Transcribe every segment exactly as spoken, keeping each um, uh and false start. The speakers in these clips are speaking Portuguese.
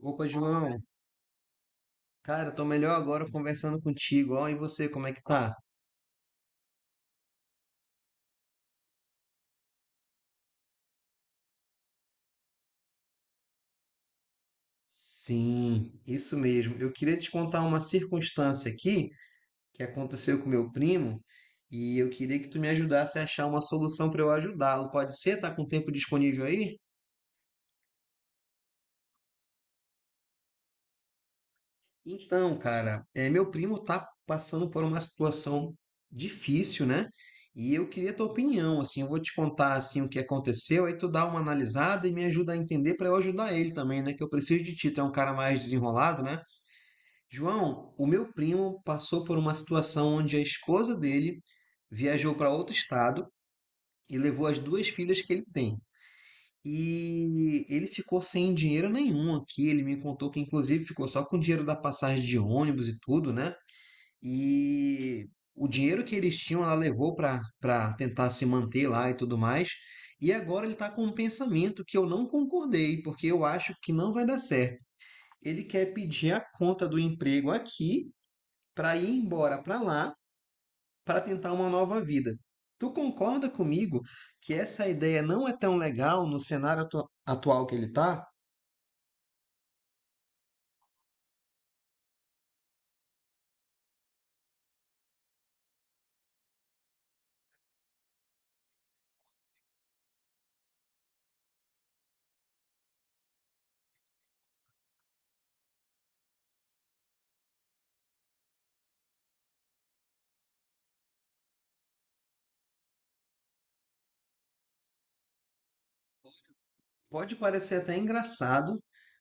Opa, João. Cara, tô melhor agora conversando contigo. Ó, e você, como é que tá? Sim, isso mesmo. Eu queria te contar uma circunstância aqui que aconteceu com meu primo e eu queria que tu me ajudasse a achar uma solução para eu ajudá-lo. Pode ser? Tá com tempo disponível aí? Então, cara, é, meu primo tá passando por uma situação difícil, né? E eu queria tua opinião, assim, eu vou te contar assim o que aconteceu, aí tu dá uma analisada e me ajuda a entender para eu ajudar ele também, né? Que eu preciso de ti, tu é um cara mais desenrolado, né? João, o meu primo passou por uma situação onde a esposa dele viajou para outro estado e levou as duas filhas que ele tem. E ele ficou sem dinheiro nenhum aqui. Ele me contou que, inclusive, ficou só com o dinheiro da passagem de ônibus e tudo, né? E o dinheiro que eles tinham, ela levou para para tentar se manter lá e tudo mais. E agora ele está com um pensamento que eu não concordei, porque eu acho que não vai dar certo. Ele quer pedir a conta do emprego aqui para ir embora para lá para tentar uma nova vida. Tu concorda comigo que essa ideia não é tão legal no cenário atu- atual que ele está? Pode parecer até engraçado,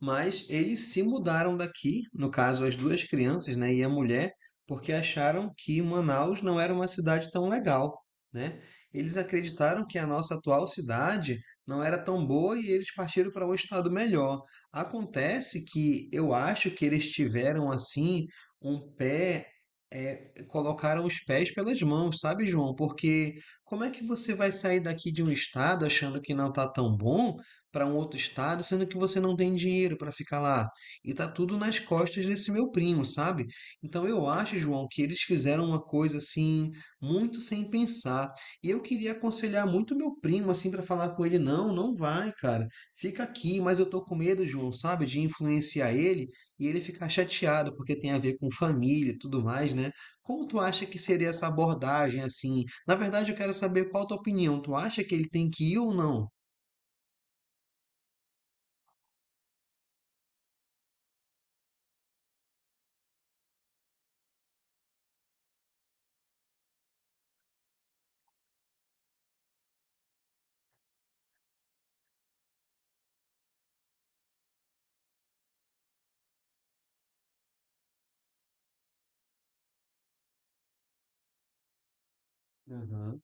mas eles se mudaram daqui, no caso as duas crianças, né, e a mulher, porque acharam que Manaus não era uma cidade tão legal, né? Eles acreditaram que a nossa atual cidade não era tão boa e eles partiram para um estado melhor. Acontece que eu acho que eles tiveram assim um pé é, colocaram os pés pelas mãos, sabe, João? Porque como é que você vai sair daqui de um estado achando que não está tão bom para um outro estado, sendo que você não tem dinheiro para ficar lá. E tá tudo nas costas desse meu primo, sabe? Então eu acho, João, que eles fizeram uma coisa assim, muito sem pensar. E eu queria aconselhar muito meu primo assim para falar com ele, não, não vai, cara. Fica aqui, mas eu tô com medo, João, sabe, de influenciar ele e ele ficar chateado porque tem a ver com família e tudo mais, né? Como tu acha que seria essa abordagem assim? Na verdade, eu quero saber qual a tua opinião. Tu acha que ele tem que ir ou não? Aham.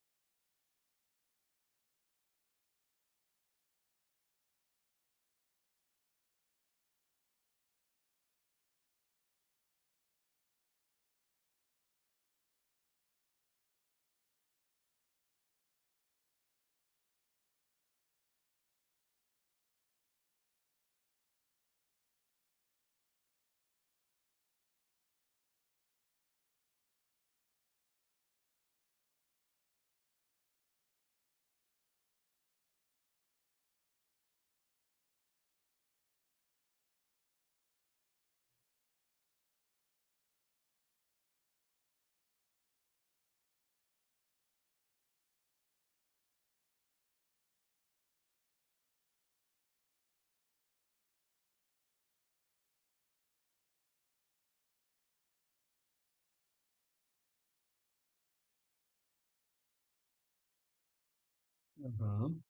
Aham.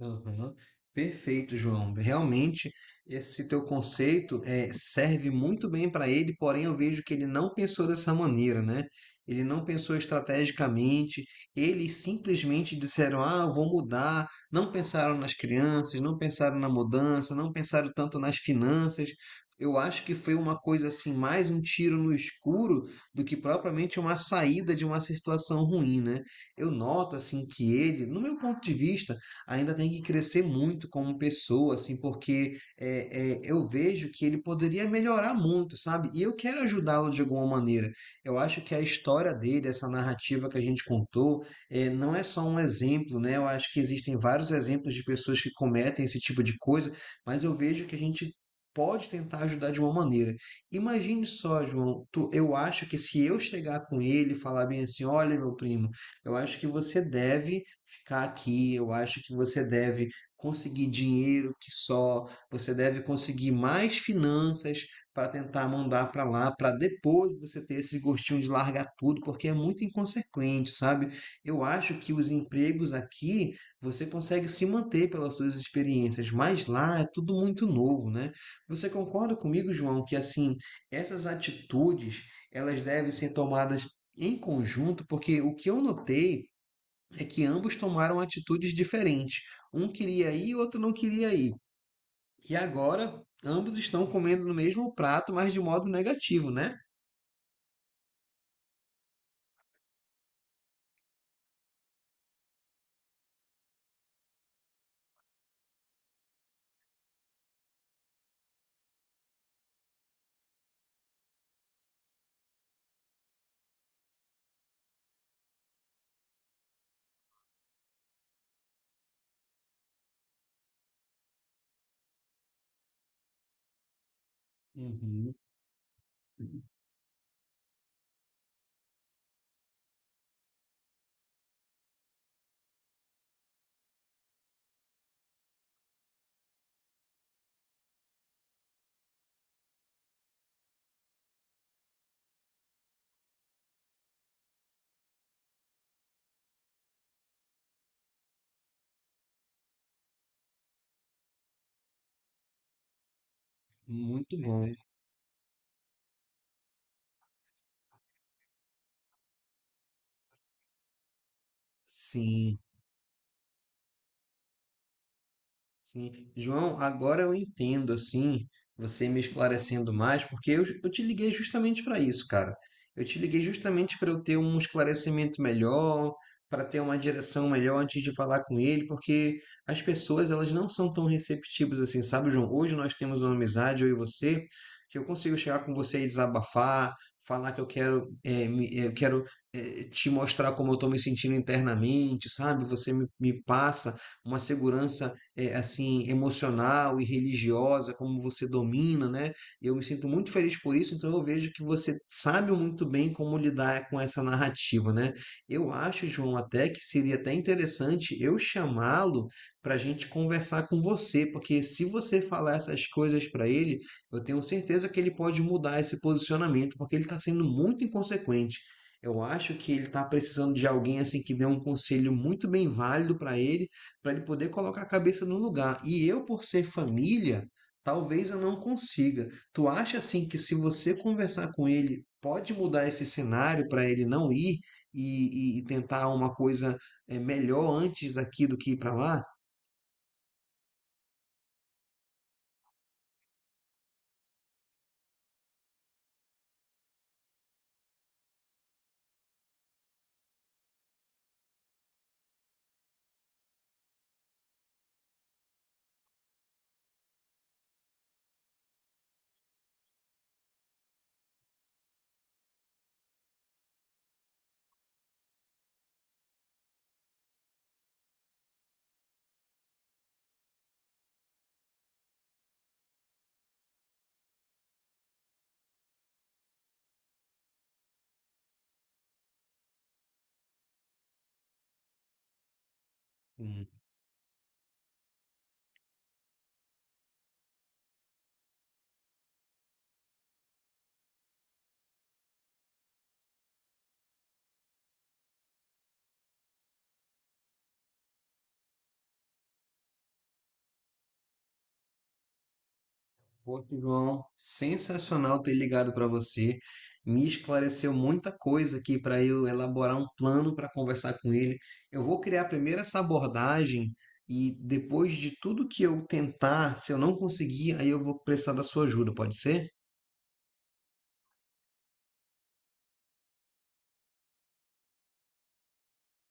Aham. Perfeito, João. Realmente, esse teu conceito é, serve muito bem para ele, porém eu vejo que ele não pensou dessa maneira, né? Ele não pensou estrategicamente, eles simplesmente disseram: Ah, eu vou mudar. Não pensaram nas crianças, não pensaram na mudança, não pensaram tanto nas finanças. Eu acho que foi uma coisa assim, mais um tiro no escuro do que propriamente uma saída de uma situação ruim, né? Eu noto assim que ele, no meu ponto de vista, ainda tem que crescer muito como pessoa, assim, porque é, é, eu vejo que ele poderia melhorar muito, sabe? E eu quero ajudá-lo de alguma maneira. Eu acho que a história dele, essa narrativa que a gente contou, é, não é só um exemplo, né? Eu acho que existem vários exemplos de pessoas que cometem esse tipo de coisa, mas eu vejo que a gente pode tentar ajudar de uma maneira. Imagine só, João, tu- eu acho que se eu chegar com ele e falar bem assim, olha, meu primo, eu acho que você deve ficar aqui, eu acho que você deve conseguir dinheiro que só, você deve conseguir mais finanças para tentar mandar para lá, para depois você ter esse gostinho de largar tudo, porque é muito inconsequente, sabe? Eu acho que os empregos aqui você consegue se manter pelas suas experiências, mas lá é tudo muito novo, né? Você concorda comigo, João, que assim, essas atitudes, elas devem ser tomadas em conjunto, porque o que eu notei é que ambos tomaram atitudes diferentes. Um queria ir e o outro não queria ir. E agora, ambos estão comendo no mesmo prato, mas de modo negativo, né? Uhum. Muito é. bom. Sim. Sim. João, agora eu entendo, assim, você me esclarecendo mais, porque eu, eu te liguei justamente para isso, cara. Eu te liguei justamente para eu ter um esclarecimento melhor, para ter uma direção melhor antes de falar com ele, porque as pessoas, elas não são tão receptivas assim, sabe, João? Hoje nós temos uma amizade, eu e você, que eu consigo chegar com você e desabafar, falar que eu quero, eh, me- eh, eu quero, eh, te mostrar como eu estou me sentindo internamente, sabe? Você me me passa uma segurança é, assim emocional e religiosa, como você domina, né? Eu me sinto muito feliz por isso, então eu vejo que você sabe muito bem como lidar com essa narrativa, né? Eu acho, João, até que seria até interessante eu chamá-lo para a gente conversar com você, porque se você falar essas coisas para ele, eu tenho certeza que ele pode mudar esse posicionamento, porque ele está sendo muito inconsequente. Eu acho que ele está precisando de alguém assim que dê um conselho muito bem válido para ele para ele poder colocar a cabeça no lugar. E eu, por ser família, talvez eu não consiga. Tu acha assim que se você conversar com ele, pode mudar esse cenário para ele não ir e, e- e tentar uma coisa eh, melhor antes aqui do que ir para lá? Pô, João, sensacional ter ligado para você. Me esclareceu muita coisa aqui para eu elaborar um plano para conversar com ele. Eu vou criar primeiro essa abordagem e depois de tudo que eu tentar, se eu não conseguir, aí eu vou precisar da sua ajuda, pode ser?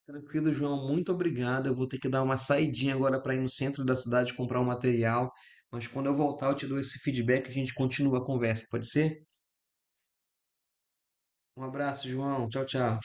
Tranquilo, João, muito obrigado. Eu vou ter que dar uma saidinha agora para ir no centro da cidade comprar um material, mas quando eu voltar eu te dou esse feedback e a gente continua a conversa, pode ser? Um abraço, João. Tchau, tchau.